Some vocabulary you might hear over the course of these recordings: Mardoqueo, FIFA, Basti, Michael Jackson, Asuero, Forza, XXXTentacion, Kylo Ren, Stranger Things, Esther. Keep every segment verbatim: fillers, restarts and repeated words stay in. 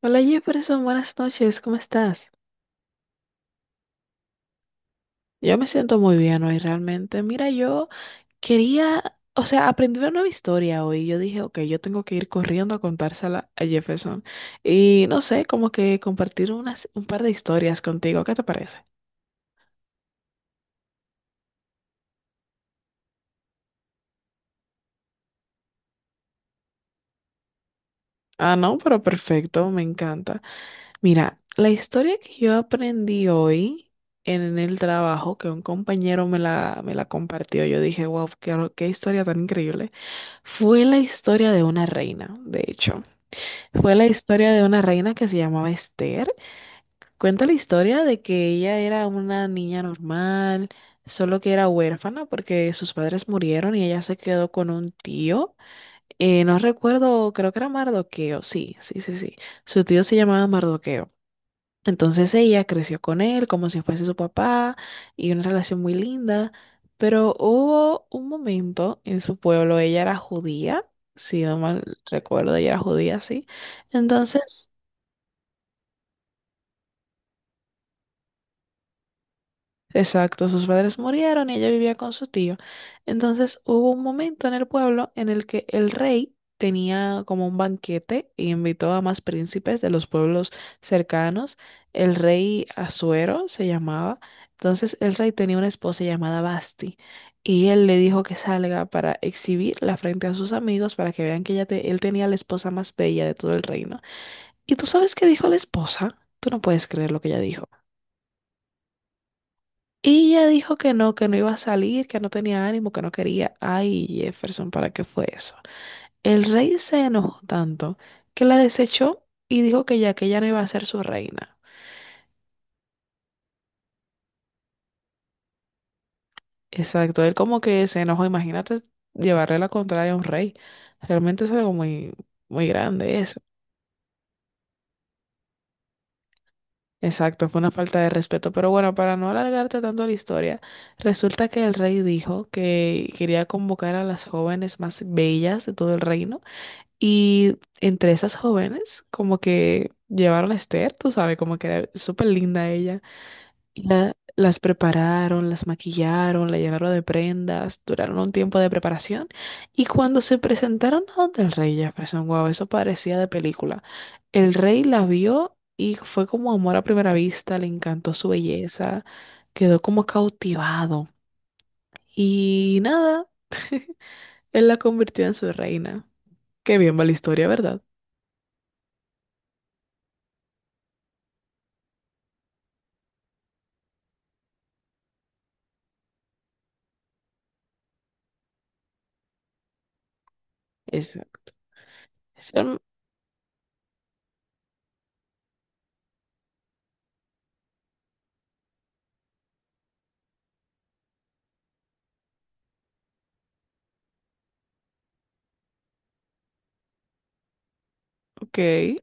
Hola Jefferson, buenas noches, ¿cómo estás? Yo me siento muy bien hoy realmente. Mira, yo quería, o sea, aprendí una nueva historia hoy. Yo dije, ok, yo tengo que ir corriendo a contársela a Jefferson. Y no sé, como que compartir unas, un par de historias contigo, ¿qué te parece? Ah, no, pero perfecto, me encanta. Mira, la historia que yo aprendí hoy en el trabajo, que un compañero me la, me la compartió, yo dije, wow, qué, qué historia tan increíble, fue la historia de una reina, de hecho. Fue la historia de una reina que se llamaba Esther. Cuenta la historia de que ella era una niña normal, solo que era huérfana porque sus padres murieron y ella se quedó con un tío. Eh, no recuerdo, creo que era Mardoqueo, sí, sí, sí, sí. Su tío se llamaba Mardoqueo. Entonces ella creció con él como si fuese su papá y una relación muy linda, pero hubo un momento en su pueblo, ella era judía, si no mal recuerdo, ella era judía, sí. Entonces. Exacto, sus padres murieron y ella vivía con su tío. Entonces hubo un momento en el pueblo en el que el rey tenía como un banquete y invitó a más príncipes de los pueblos cercanos. El rey Asuero se llamaba. Entonces el rey tenía una esposa llamada Basti y él le dijo que salga para exhibirla frente a sus amigos para que vean que ella te- él tenía la esposa más bella de todo el reino. ¿Y tú sabes qué dijo la esposa? Tú no puedes creer lo que ella dijo. Y ella dijo que no, que no iba a salir, que no tenía ánimo, que no quería. Ay, Jefferson, ¿para qué fue eso? El rey se enojó tanto que la desechó y dijo que ya que ella no iba a ser su reina. Exacto, él como que se enojó, imagínate llevarle la contraria a un rey. Realmente es algo muy, muy grande eso. Exacto, fue una falta de respeto. Pero bueno, para no alargarte tanto la historia, resulta que el rey dijo que quería convocar a las jóvenes más bellas de todo el reino. Y entre esas jóvenes, como que llevaron a Esther, tú sabes, como que era súper linda ella. Y la- las prepararon, las maquillaron, la llenaron de prendas, duraron un tiempo de preparación. Y cuando se presentaron a donde el rey Jefferson, wow, eso parecía de película. El rey la vio y fue como amor a primera vista, le encantó su belleza, quedó como cautivado. Y nada, él la convirtió en su reina. Qué bien va la historia, ¿verdad? Mm, okay,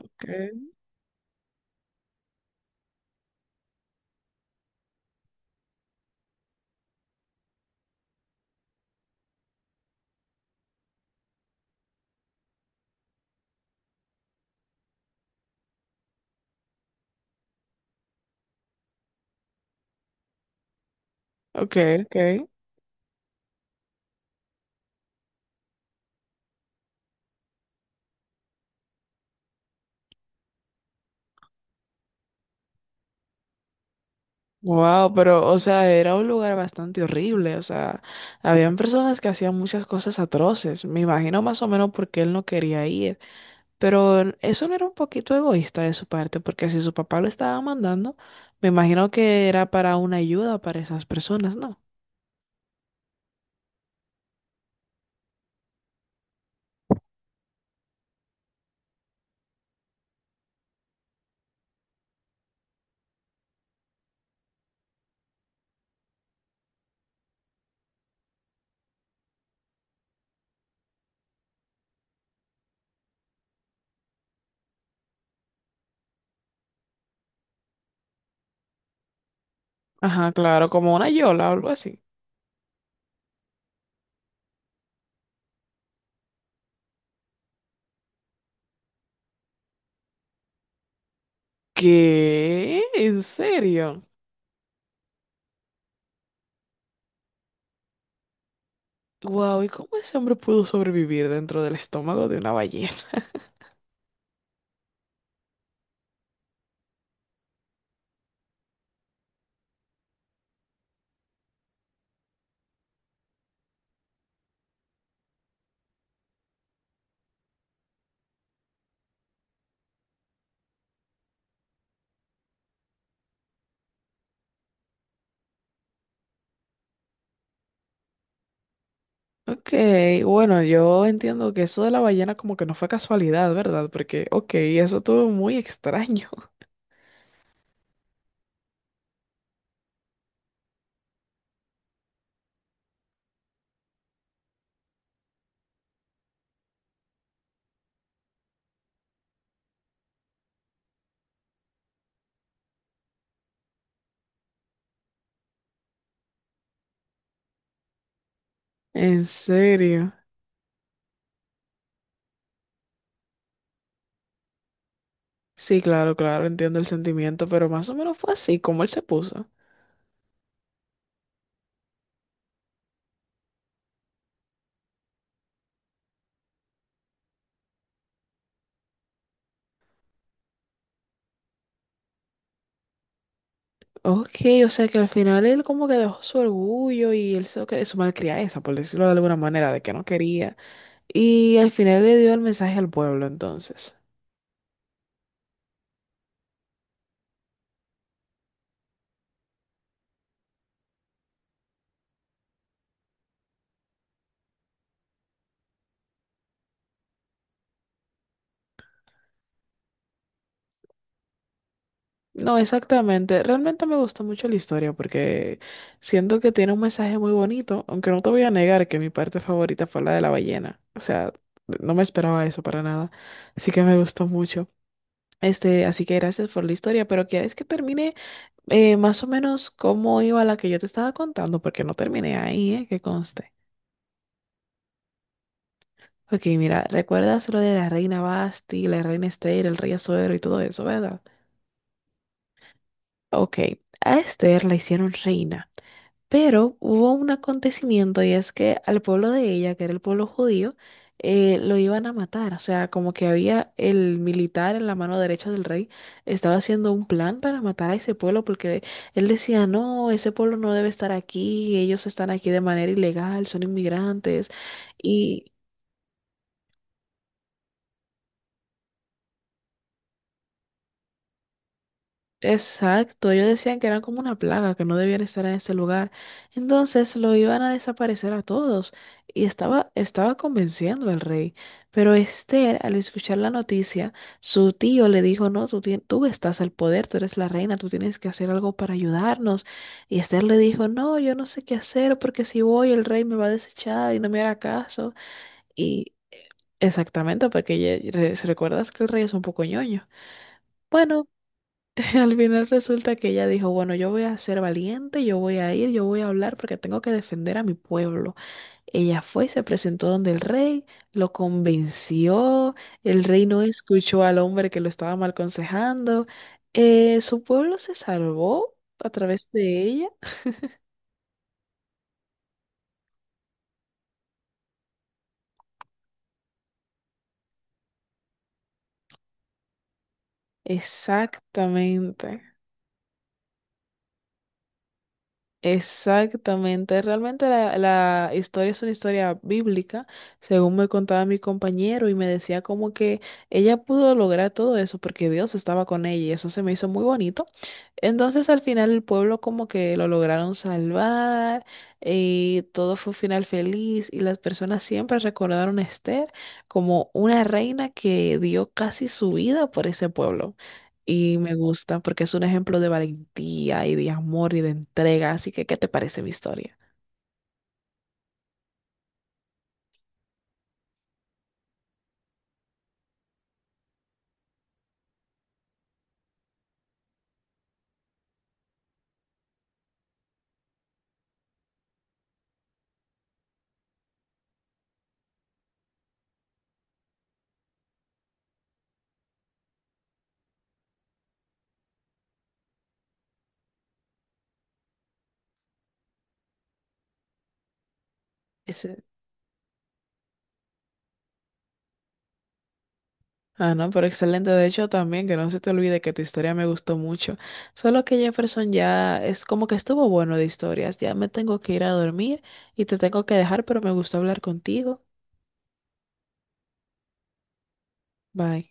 okay, okay, okay. Wow, pero, o sea, era un lugar bastante horrible. O sea, habían personas que hacían muchas cosas atroces. Me imagino más o menos porque él no quería ir. Pero eso no era un poquito egoísta de su parte, porque si su papá lo estaba mandando, me imagino que era para una ayuda para esas personas, ¿no? Ajá, claro, como una yola o algo así. ¿Qué? ¿En serio? Wow, ¿y cómo ese hombre pudo sobrevivir dentro del estómago de una ballena? Ok, bueno, yo entiendo que eso de la ballena como que no fue casualidad, ¿verdad? Porque, ok, eso estuvo muy extraño. En serio. Sí, claro, claro, entiendo el sentimiento, pero más o menos fue así como él se puso. Ok, o sea que al final él como que dejó su orgullo y él se que su malcriadeza, por decirlo de alguna manera, de que no quería. Y al final le dio el mensaje al pueblo, entonces. No, exactamente. Realmente me gustó mucho la historia porque siento que tiene un mensaje muy bonito, aunque no te voy a negar que mi parte favorita fue la de la ballena. O sea, no me esperaba eso para nada. Así que me gustó mucho. Este, así que gracias por la historia, pero ¿quieres que termine eh, más o menos cómo iba la que yo te estaba contando? Porque no terminé ahí, ¿eh? Que conste. Ok, mira, ¿recuerdas lo de la reina Basti, la reina Esther, el rey Azuero y todo eso, verdad? Ok, a Esther la hicieron reina. Pero hubo un acontecimiento y es que al pueblo de ella, que era el pueblo judío, eh, lo iban a matar. O sea, como que había el militar en la mano derecha del rey, estaba haciendo un plan para matar a ese pueblo porque él decía, no, ese pueblo no debe estar aquí, ellos están aquí de manera ilegal, son inmigrantes. Y, exacto, ellos decían que eran como una plaga, que no debían estar en ese lugar. Entonces lo iban a desaparecer a todos. Y estaba, estaba convenciendo al rey. Pero Esther, al escuchar la noticia, su tío le dijo, no, tú, tien- tú estás al poder, tú eres la reina, tú tienes que hacer algo para ayudarnos. Y Esther le dijo, no, yo no sé qué hacer, porque si voy el rey me va a desechar y no me hará caso. Y eh, Exactamente, porque ya- re- recuerdas que el rey es un poco ñoño. Bueno. Al final resulta que ella dijo, bueno, yo voy a ser valiente, yo voy a ir, yo voy a hablar porque tengo que defender a mi pueblo. Ella fue, se presentó donde el rey, lo convenció, el rey no escuchó al hombre que lo estaba mal aconsejando, eh, su pueblo se salvó a través de ella. Exactamente. Exactamente, realmente la, la historia es una historia bíblica, según me contaba mi compañero y me decía como que ella pudo lograr todo eso porque Dios estaba con ella y eso se me hizo muy bonito. Entonces al final el pueblo como que lo lograron salvar y todo fue un final feliz y las personas siempre recordaron a Esther como una reina que dio casi su vida por ese pueblo y me gusta porque es un ejemplo de valentía y de amor y de entrega. Así que, ¿qué te parece mi historia? Ese- Ah, no, pero excelente. De hecho, también que no se te olvide que tu historia me gustó mucho. Solo que Jefferson ya es como que estuvo bueno de historias. Ya me tengo que ir a dormir y te tengo que dejar, pero me gustó hablar contigo. Bye.